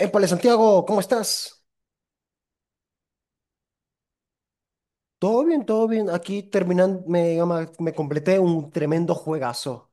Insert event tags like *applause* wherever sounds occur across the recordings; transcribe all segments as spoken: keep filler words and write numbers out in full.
Épale, Santiago, ¿cómo estás? Todo bien, todo bien. Aquí terminando, me, llama- me completé un tremendo juegazo.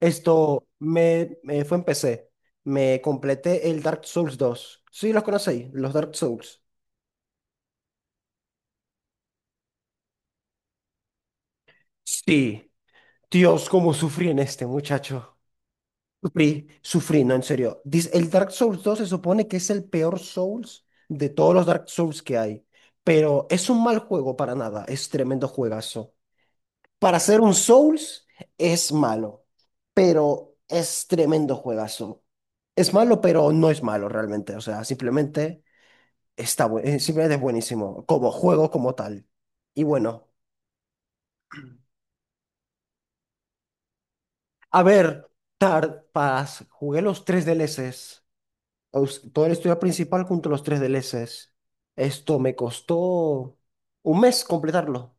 Esto me, me fue en P C. Me completé el Dark Souls dos. Sí, los conocéis, los Dark Souls. Sí. Dios, cómo sufrí en este, muchacho. Sufrí, sufrí, no, en serio. Dice, el Dark Souls dos se supone que es el peor Souls de todos los Dark Souls que hay. Pero es un mal juego para nada. Es tremendo juegazo. Para hacer un Souls es malo, pero es tremendo juegazo. Es malo, pero no es malo realmente. O sea, simplemente está bu- eh, simplemente es buenísimo como juego como tal. Y bueno, a ver, Tard Pass, jugué los tres D L Cs. Os- Todo el estudio principal junto a los tres D L Cs. Esto me costó un mes completarlo.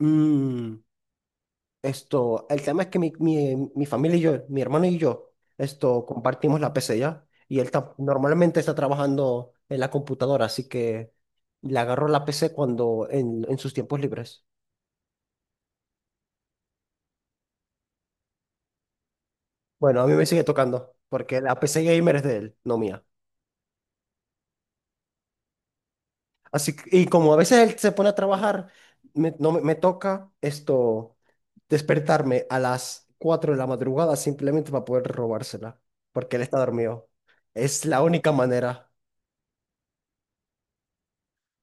Mm. Esto, el tema es que mi, mi- mi familia y yo, mi hermano y yo, esto, compartimos la P C ya. Y él ta- normalmente está trabajando en la computadora, así que le agarro la P C cuando, en, en sus tiempos libres. Bueno, a mí me sigue tocando, porque la P C gamer es de él, no mía. Así que, y como a veces él se pone a trabajar, me, no, me me toca esto, despertarme a las cuatro de la madrugada simplemente para poder robársela, porque él está dormido. Es la única manera.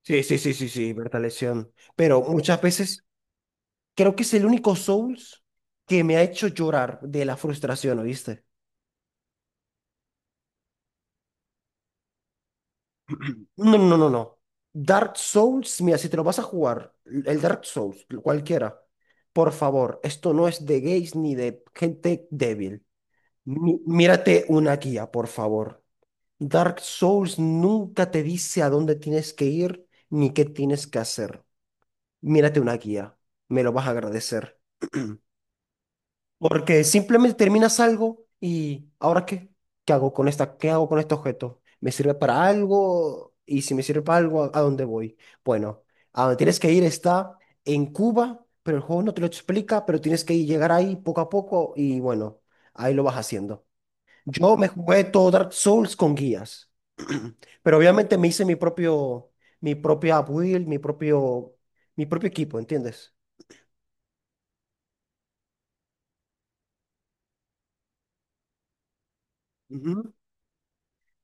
Sí, sí, sí, sí, sí, Berta Lesión. Pero muchas veces creo que es el único Souls que me ha hecho llorar de la frustración, ¿oíste? No, no, no, no. Dark Souls, mira, si te lo vas a jugar, el Dark Souls, cualquiera, por favor, esto no es de gays ni de gente débil. Mi- mírate una guía, por favor. Dark Souls nunca te dice a dónde tienes que ir ni qué tienes que hacer. Mírate una guía, me lo vas a agradecer. Porque simplemente terminas algo y ¿ahora qué? ¿Qué hago con esta? ¿Qué hago con este objeto? ¿Me sirve para algo? Y si me sirve para algo, ¿a a dónde voy? Bueno, a donde tienes que ir está en Cuba, pero el juego no te lo explica, pero tienes que ir- llegar ahí poco a poco y bueno, ahí lo vas haciendo. Yo me jugué todo Dark Souls con guías, *clears throat* pero obviamente me hice mi propio, mi propia build, mi propio, mi propio equipo, ¿entiendes?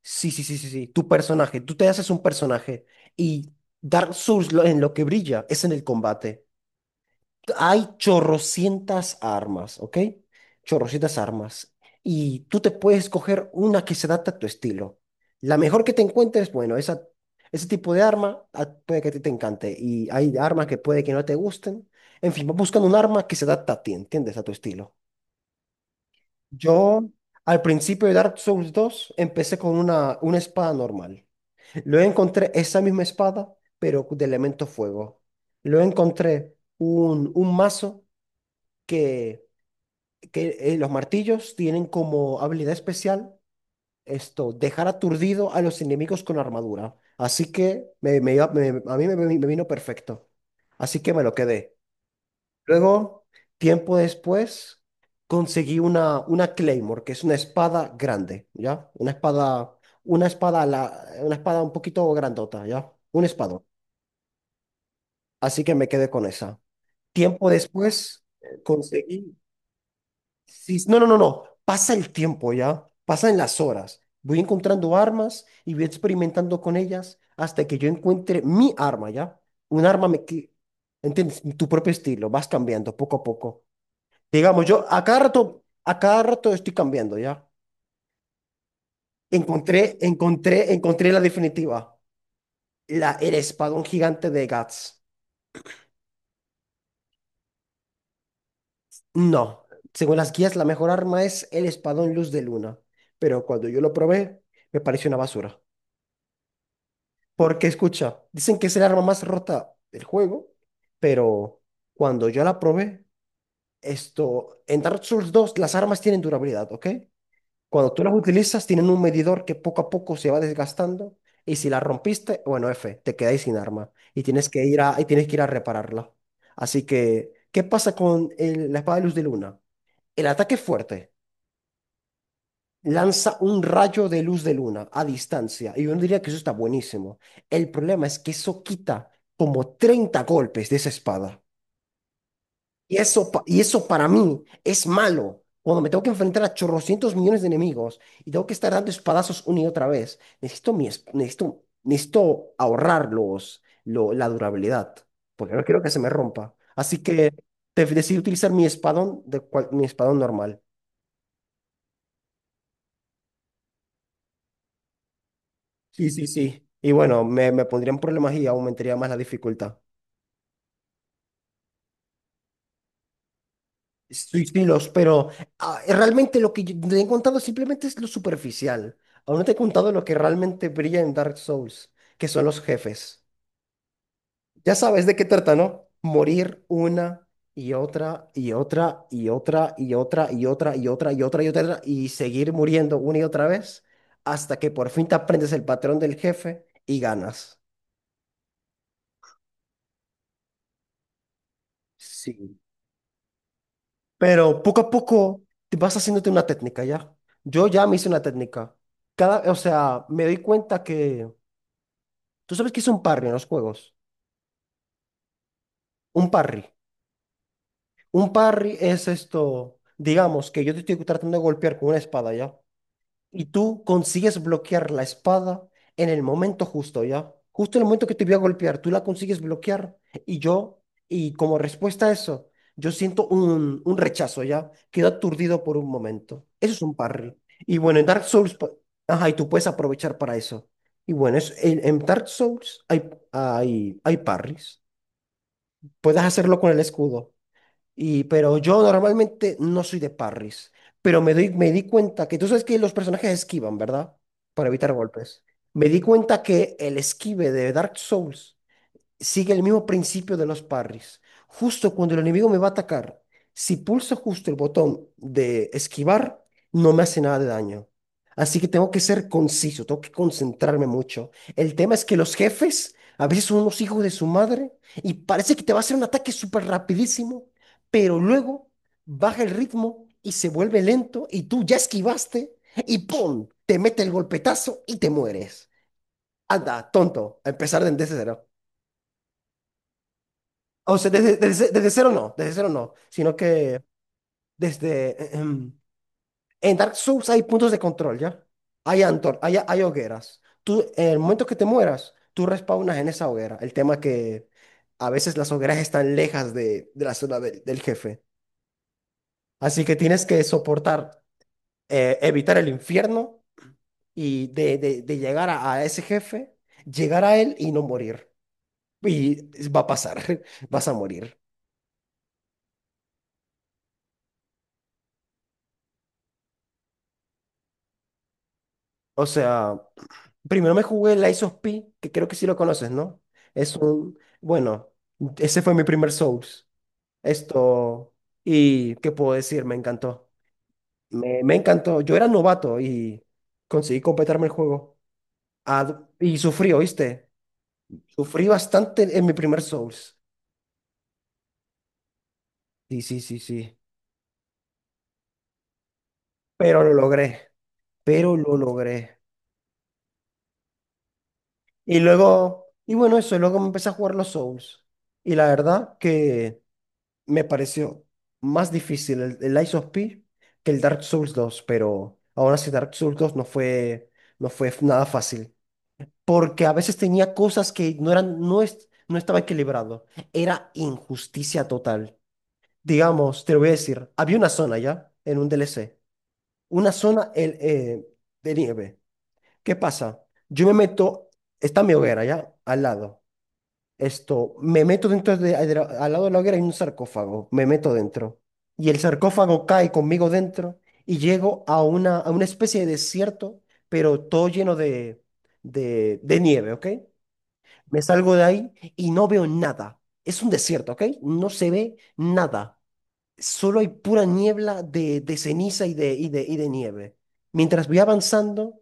Sí, sí, sí, sí, sí. Tu personaje, tú te haces un personaje y Dark Souls lo- en lo que brilla es en el combate. Hay chorrocientas armas, ¿ok? Chorrocientas armas. Y tú te puedes coger una que se adapte a tu estilo. La mejor que te encuentres, bueno, esa, ese tipo de arma ah, puede que a ti te encante. Y hay armas que puede que no te gusten. En fin, vas buscando un arma que se adapta a ti, ¿entiendes? A tu estilo. Yo, al principio de Dark Souls dos empecé con una, una espada normal. Luego encontré esa misma espada, pero de elemento fuego. Luego encontré un, un mazo que, que eh, los martillos tienen como habilidad especial esto, dejar aturdido a los enemigos con armadura. Así que me, me iba- me- a mí me, me vino perfecto. Así que me lo quedé. Luego, tiempo después, conseguí una, una Claymore, que es una espada grande, ¿ya? Una espada, una espada, a la, una espada un poquito grandota, ¿ya? Un espadón. Así que me quedé con esa. Tiempo después eh, conseguí. Sí, no, no, no, no. Pasa el tiempo ya. Pasan las horas. Voy encontrando armas y voy experimentando con ellas hasta que yo encuentre mi arma ya. Un arma me que. ¿Entiendes? Tu propio estilo. Vas cambiando poco a poco. Digamos, yo a cada rato, a cada rato estoy cambiando ya. Encontré, encontré, encontré la definitiva. La, el espadón gigante de Guts. No, según las guías, la mejor arma es el espadón luz de luna, pero cuando yo lo probé, me pareció una basura. Porque escucha, dicen que es el arma más rota del juego, pero cuando yo la probé, esto, en Dark Souls dos las armas tienen durabilidad, ¿ok? Cuando tú las utilizas, tienen un medidor que poco a poco se va desgastando, y si la rompiste, bueno, F, te quedáis sin arma y tienes que ir a, y tienes que ir a repararla. Así que, ¿qué pasa con el- la espada de luz de luna? El ataque es fuerte. Lanza un rayo de luz de luna a distancia. Y yo no diría que eso está buenísimo. El problema es que eso quita como treinta golpes de esa espada. Y eso, pa- y eso para mí es malo. Cuando me tengo que enfrentar a chorrocientos millones de enemigos y tengo que estar dando espadazos una y otra vez, necesito, mi, es- necesito, necesito ahorrar los, lo- la durabilidad, porque no quiero que se me rompa. Así que te- decidí utilizar mi espadón, de cual- mi espadón normal. Sí, sí, sí. Y bueno, me, me pondría en problemas y aumentaría más la dificultad. Sí, sí, los, pero ah, realmente lo que yo te he contado simplemente es lo superficial. Aún no te he contado lo que realmente brilla en Dark Souls, que son los jefes. Ya sabes de qué trata, ¿no? Morir una y otra y otra y otra y otra y otra y otra y otra y otra y seguir muriendo una y otra vez hasta que por fin te aprendes el patrón del jefe y ganas. Sí. Pero poco a poco te vas haciéndote una técnica, ¿ya? Yo ya me hice una técnica. Cada, o sea, me doy cuenta que... ¿Tú sabes qué es un parry en los juegos? Un parry. Un parry es esto, digamos, que yo te estoy tratando de golpear con una espada, ¿ya? Y tú consigues bloquear la espada en el momento justo, ¿ya? Justo en el momento que te voy a golpear, tú la consigues bloquear. Y yo, y como respuesta a eso, yo siento un, un rechazo, ¿ya? Quedo aturdido por un momento. Eso es un parry. Y bueno, en Dark Souls, pa- ajá, y tú puedes aprovechar para eso. Y bueno, es, en, en Dark Souls hay, hay, hay parries. Puedes hacerlo con el escudo. Y, pero yo normalmente no soy de parries, pero me doy, me di cuenta que tú sabes que los personajes esquivan, ¿verdad? Para evitar golpes. Me di cuenta que el esquive de Dark Souls sigue el mismo principio de los parries. Justo cuando el enemigo me va a atacar, si pulso justo el botón de esquivar, no me hace nada de daño. Así que tengo que ser conciso, tengo que concentrarme mucho. El tema es que los jefes a veces son unos hijos de su madre y parece que te va a hacer un ataque súper rapidísimo, pero luego baja el ritmo y se vuelve lento y tú ya esquivaste y ¡pum! Te mete el golpetazo y te mueres. Anda, tonto, a empezar desde cero. O sea, desde, desde, desde cero no, desde cero no, sino que desde... eh, em, en Dark Souls hay puntos de control, ¿ya? Hay Antor, hay, hay hogueras. Tú, en el momento que te mueras, tú respawnas en esa hoguera. El tema es que a veces las hogueras están lejas de, de la zona del del jefe. Así que tienes que soportar, eh, evitar el infierno y de, de, de llegar a, a ese jefe, llegar a él y no morir. Y va a pasar, *laughs* vas a morir. O sea... Primero me jugué el Lies of P, que creo que sí lo conoces, ¿no? Es un, bueno, ese fue mi primer Souls. Esto, y qué puedo decir, me encantó. Me, me encantó. Yo era novato y conseguí completarme el juego. Ah, y sufrí, ¿oíste? Sufrí bastante en mi primer Souls. Sí, sí, sí, sí. Pero lo logré. Pero lo logré. Y luego, y bueno, eso, luego me empecé a jugar los Souls. Y la verdad que me pareció más difícil el, el Lies of P que el Dark Souls dos pero aún así Dark Souls dos no fue, no fue f- nada fácil, porque a veces tenía cosas que no eran, no es, no estaba equilibrado, era injusticia total. Digamos, te lo voy a decir, había una zona ya en un D L C, una zona el- eh, de nieve. ¿Qué pasa? Yo me meto, está mi hoguera ya al lado. Esto, me meto dentro de, de la- al lado de la hoguera hay un sarcófago, me meto dentro. Y el sarcófago cae conmigo dentro y llego a una, a una especie de desierto, pero todo lleno de, de, de nieve, ¿ok? Me salgo de ahí y no veo nada. Es un desierto, ¿ok? No se ve nada. Solo hay pura niebla de, de ceniza y de, y de, y de nieve. Mientras voy avanzando,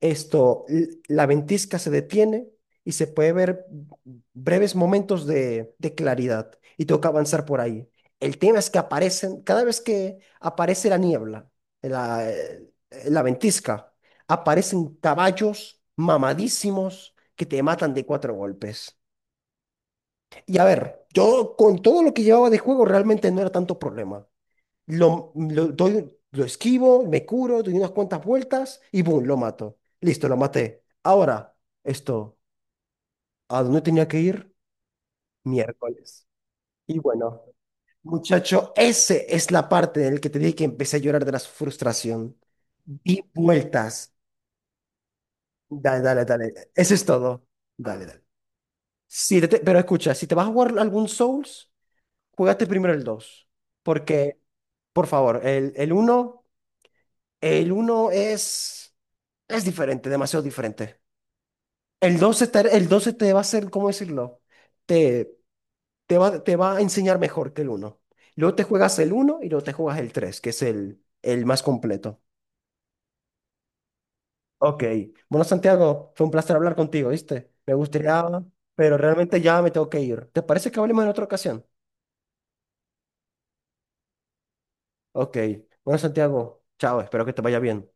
esto, l- la ventisca se detiene y se puede ver breves momentos de, de claridad y toca avanzar por ahí. El tema es que aparecen, cada vez que aparece la niebla, eh, la, eh, la ventisca, aparecen caballos mamadísimos que te matan de cuatro golpes. Y a ver, yo con todo lo que llevaba de juego realmente no era tanto problema. Lo, lo, doy- lo esquivo, me curo, doy unas cuantas vueltas y ¡boom! Lo mato. Listo, lo maté. Ahora, esto, ¿a dónde tenía que ir? Miércoles. Y bueno, muchacho, esa es la parte en la que te dije que empecé a llorar de la frustración. Di vueltas. Dale, dale, dale. Eso es todo. Dale, dale. Sí, te- pero escucha, si te vas a jugar algún Souls, juégate primero el dos. Porque, por favor, el el uno. El uno es... Es diferente, demasiado diferente. El doce te, el doce te va a hacer, ¿cómo decirlo? Te, te va, te va a enseñar mejor que el uno. Luego te juegas el uno y luego te juegas el tres, que es el, el más completo. Ok. Bueno, Santiago, fue un placer hablar contigo, ¿viste? Me gustaría, pero realmente ya me tengo que ir. ¿Te parece que hablemos en otra ocasión? Ok. Bueno, Santiago, chao, espero que te vaya bien.